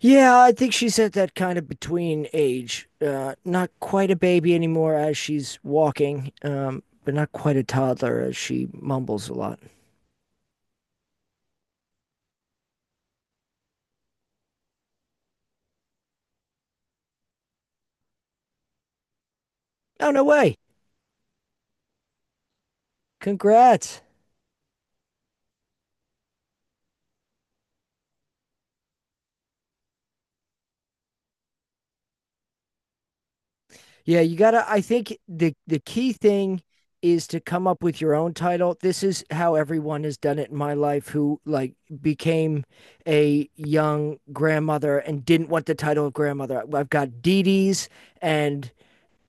Yeah, I think she's at that kind of between age. Not quite a baby anymore as she's walking, but not quite a toddler as she mumbles a lot. Oh, no way. Congrats. Yeah, you gotta, I think the key thing is to come up with your own title. This is how everyone has done it in my life who like became a young grandmother and didn't want the title of grandmother. I've got Dee Dee's and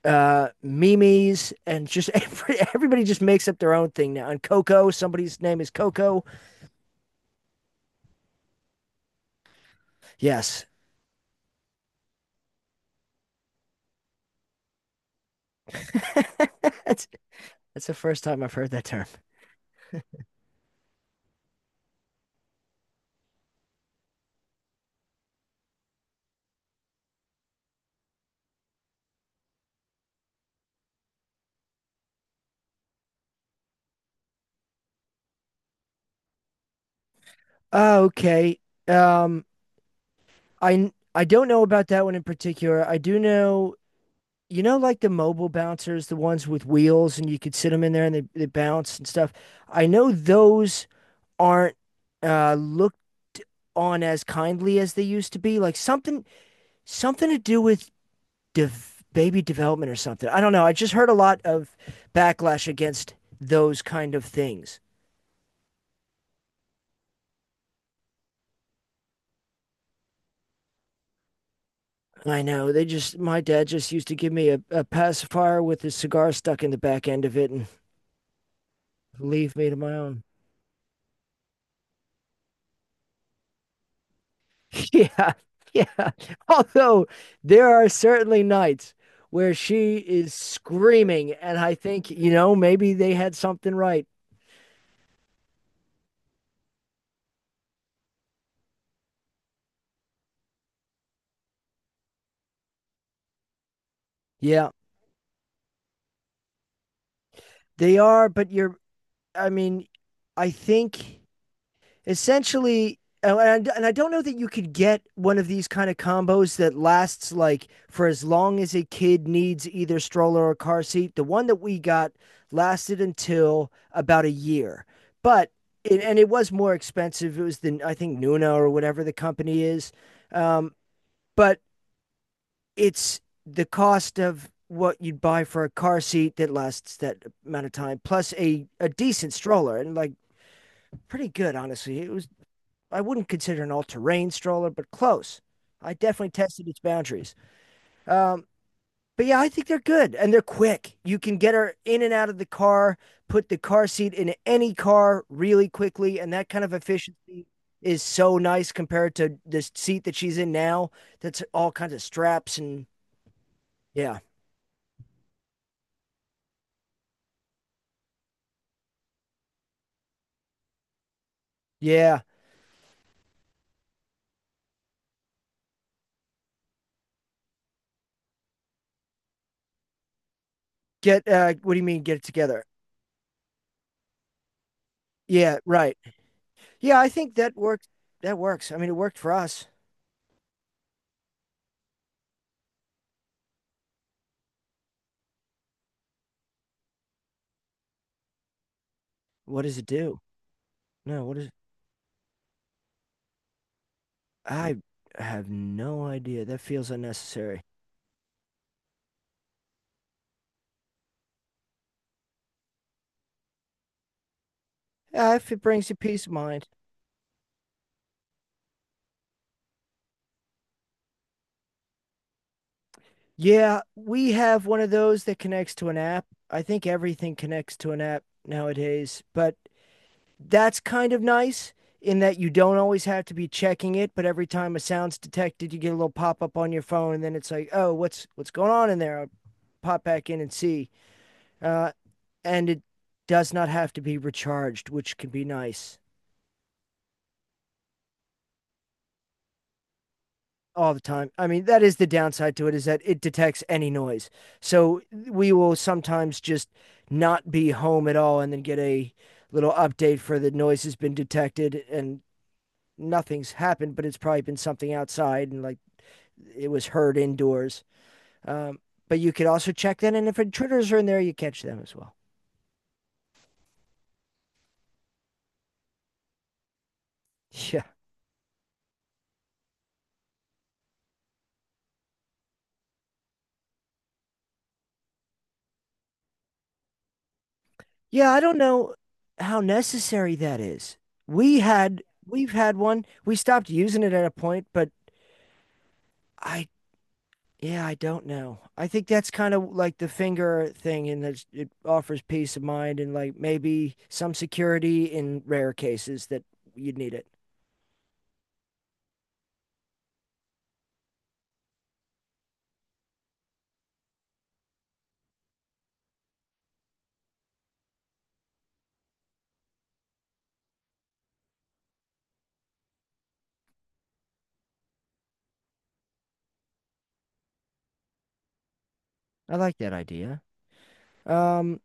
Mimi's and just everybody just makes up their own thing now. And Coco, somebody's name is Coco. Yes. that's that's the first time I've heard that term. Oh, okay. Um I don't know about that one in particular. I do know you know like the mobile bouncers, the ones with wheels and you could sit them in there and they bounce and stuff. I know those aren't looked on as kindly as they used to be. Like something to do with baby development or something. I don't know. I just heard a lot of backlash against those kind of things. I know. My dad just used to give me a pacifier with his cigar stuck in the back end of it and leave me to my own. Yeah. Yeah. Although there are certainly nights where she is screaming, and I think, you know, maybe they had something right. Yeah, they are, but I mean, I think essentially and I don't know that you could get one of these kind of combos that lasts like for as long as a kid needs either stroller or car seat. The one that we got lasted until about a year, but and it was more expensive. It was the I think Nuna or whatever the company is, um, but it's the cost of what you'd buy for a car seat that lasts that amount of time plus a decent stroller and like pretty good honestly. It was I wouldn't consider an all-terrain stroller, but close. I definitely tested its boundaries. Um, but yeah, I think they're good and they're quick. You can get her in and out of the car, put the car seat in any car really quickly, and that kind of efficiency is so nice compared to this seat that she's in now. That's all kinds of straps and yeah, yeah. Get what do you mean? Get it together? Yeah, right. Yeah, I think that worked. That works. I mean, it worked for us. What does it do? No, what does it? I have no idea. That feels unnecessary. Ah, if it brings you peace of mind. Yeah, we have one of those that connects to an app. I think everything connects to an app nowadays, but that's kind of nice in that you don't always have to be checking it, but every time a sound's detected, you get a little pop-up on your phone, and then it's like, "Oh, what's going on in there?" I'll pop back in and see. Uh, and it does not have to be recharged, which can be nice. All the time. I mean, that is the downside to it is that it detects any noise. So we will sometimes just not be home at all and then get a little update for the noise has been detected and nothing's happened, but it's probably been something outside and like it was heard indoors. Um, but you could also check that. And if intruders are in there, you catch them as well. Yeah. Yeah. I don't know how necessary that is. We've had one, we stopped using it at a point, but I yeah, I don't know. I think that's kind of like the finger thing, and that it offers peace of mind and like maybe some security in rare cases that you'd need it. I like that idea. Um,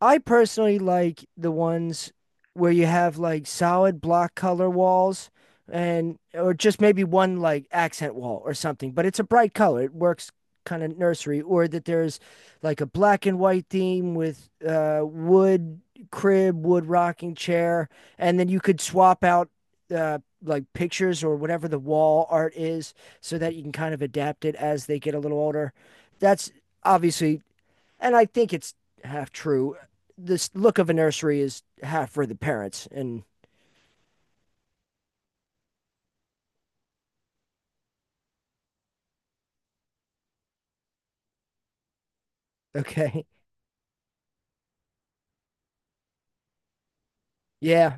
I personally like the ones where you have like solid block color walls and or just maybe one like accent wall or something, but it's a bright color. It works kind of nursery or that there's like a black and white theme with wood crib, wood rocking chair, and then you could swap out like pictures or whatever the wall art is so that you can kind of adapt it as they get a little older. That's obviously and I think it's half true. This look of a nursery is half for the parents. And okay. Yeah.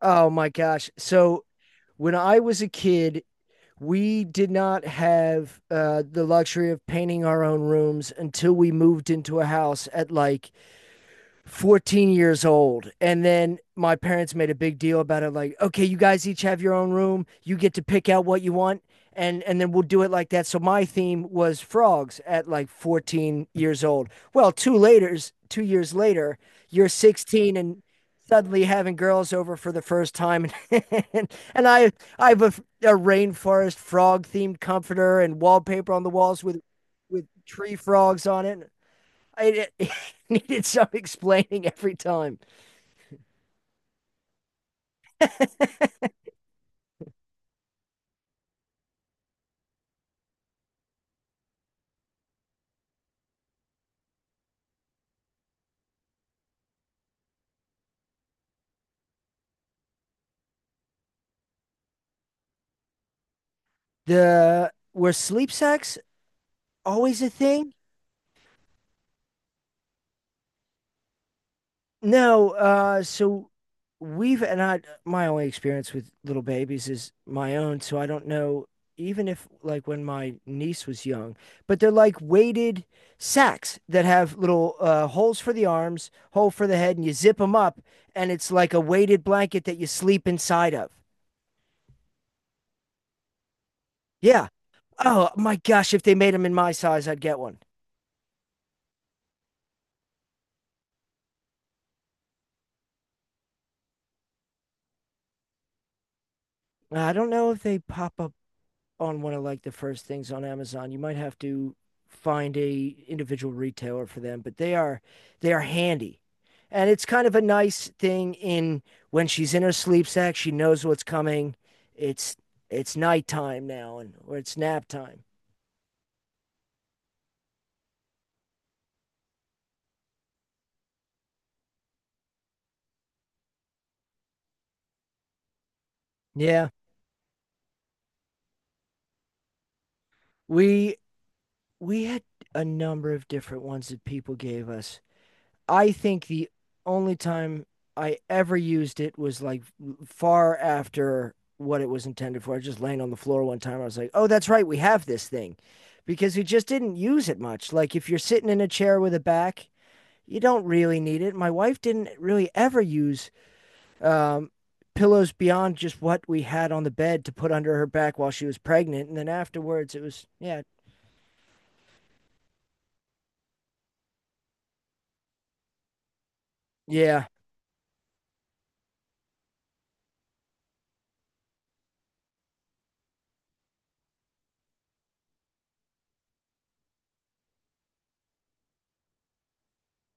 Oh my gosh. So when I was a kid, we did not have the luxury of painting our own rooms until we moved into a house at like 14 years old. And then my parents made a big deal about it like, okay, you guys each have your own room. You get to pick out what you want. And then we'll do it like that. So my theme was frogs at like 14 years old. Well, two later, 2 years later, you're 16 and suddenly having girls over for the first time. and, and I, I have a rainforest frog themed comforter and wallpaper on the walls with tree frogs on it. I needed some explaining every time. The were sleep sacks always a thing? No. So we've and I my only experience with little babies is my own, so I don't know. Even if like when my niece was young, but they're like weighted sacks that have little holes for the arms, hole for the head, and you zip them up, and it's like a weighted blanket that you sleep inside of. Yeah. Oh my gosh, if they made them in my size, I'd get one. I don't know if they pop up on one of like the first things on Amazon. You might have to find a individual retailer for them, but they are handy. And it's kind of a nice thing in when she's in her sleep sack, she knows what's coming. It's it's nighttime now and or it's nap time. Yeah. We we had a number of different ones that people gave us. I think the only time I ever used it was like far after what it was intended for. I was just laying on the floor one time. I was like, oh, that's right. We have this thing because we just didn't use it much. Like if you're sitting in a chair with a back, you don't really need it. My wife didn't really ever use um, pillows beyond just what we had on the bed to put under her back while she was pregnant. And then afterwards, it was, yeah, yeah,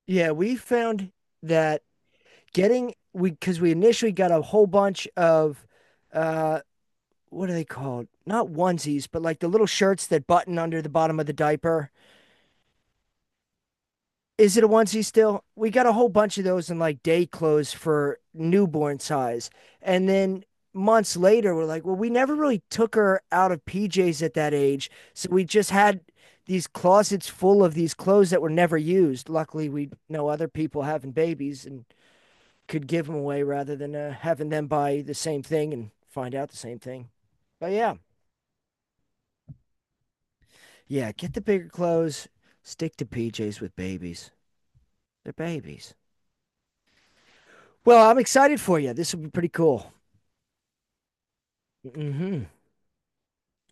yeah. We found that getting we because we initially got a whole bunch of uh what are they called? Not onesies, but like the little shirts that button under the bottom of the diaper. Is it a onesie still? We got a whole bunch of those in like day clothes for newborn size. And then months later, we're like, well, we never really took her out of PJs at that age. So we just had these closets full of these clothes that were never used. Luckily, we know other people having babies and could give them away rather than having them buy the same thing and find out the same thing. But yeah, yeah, get the bigger clothes. Stick to PJs with babies. They're babies. Well, I'm excited for you. This will be pretty cool. Hmm.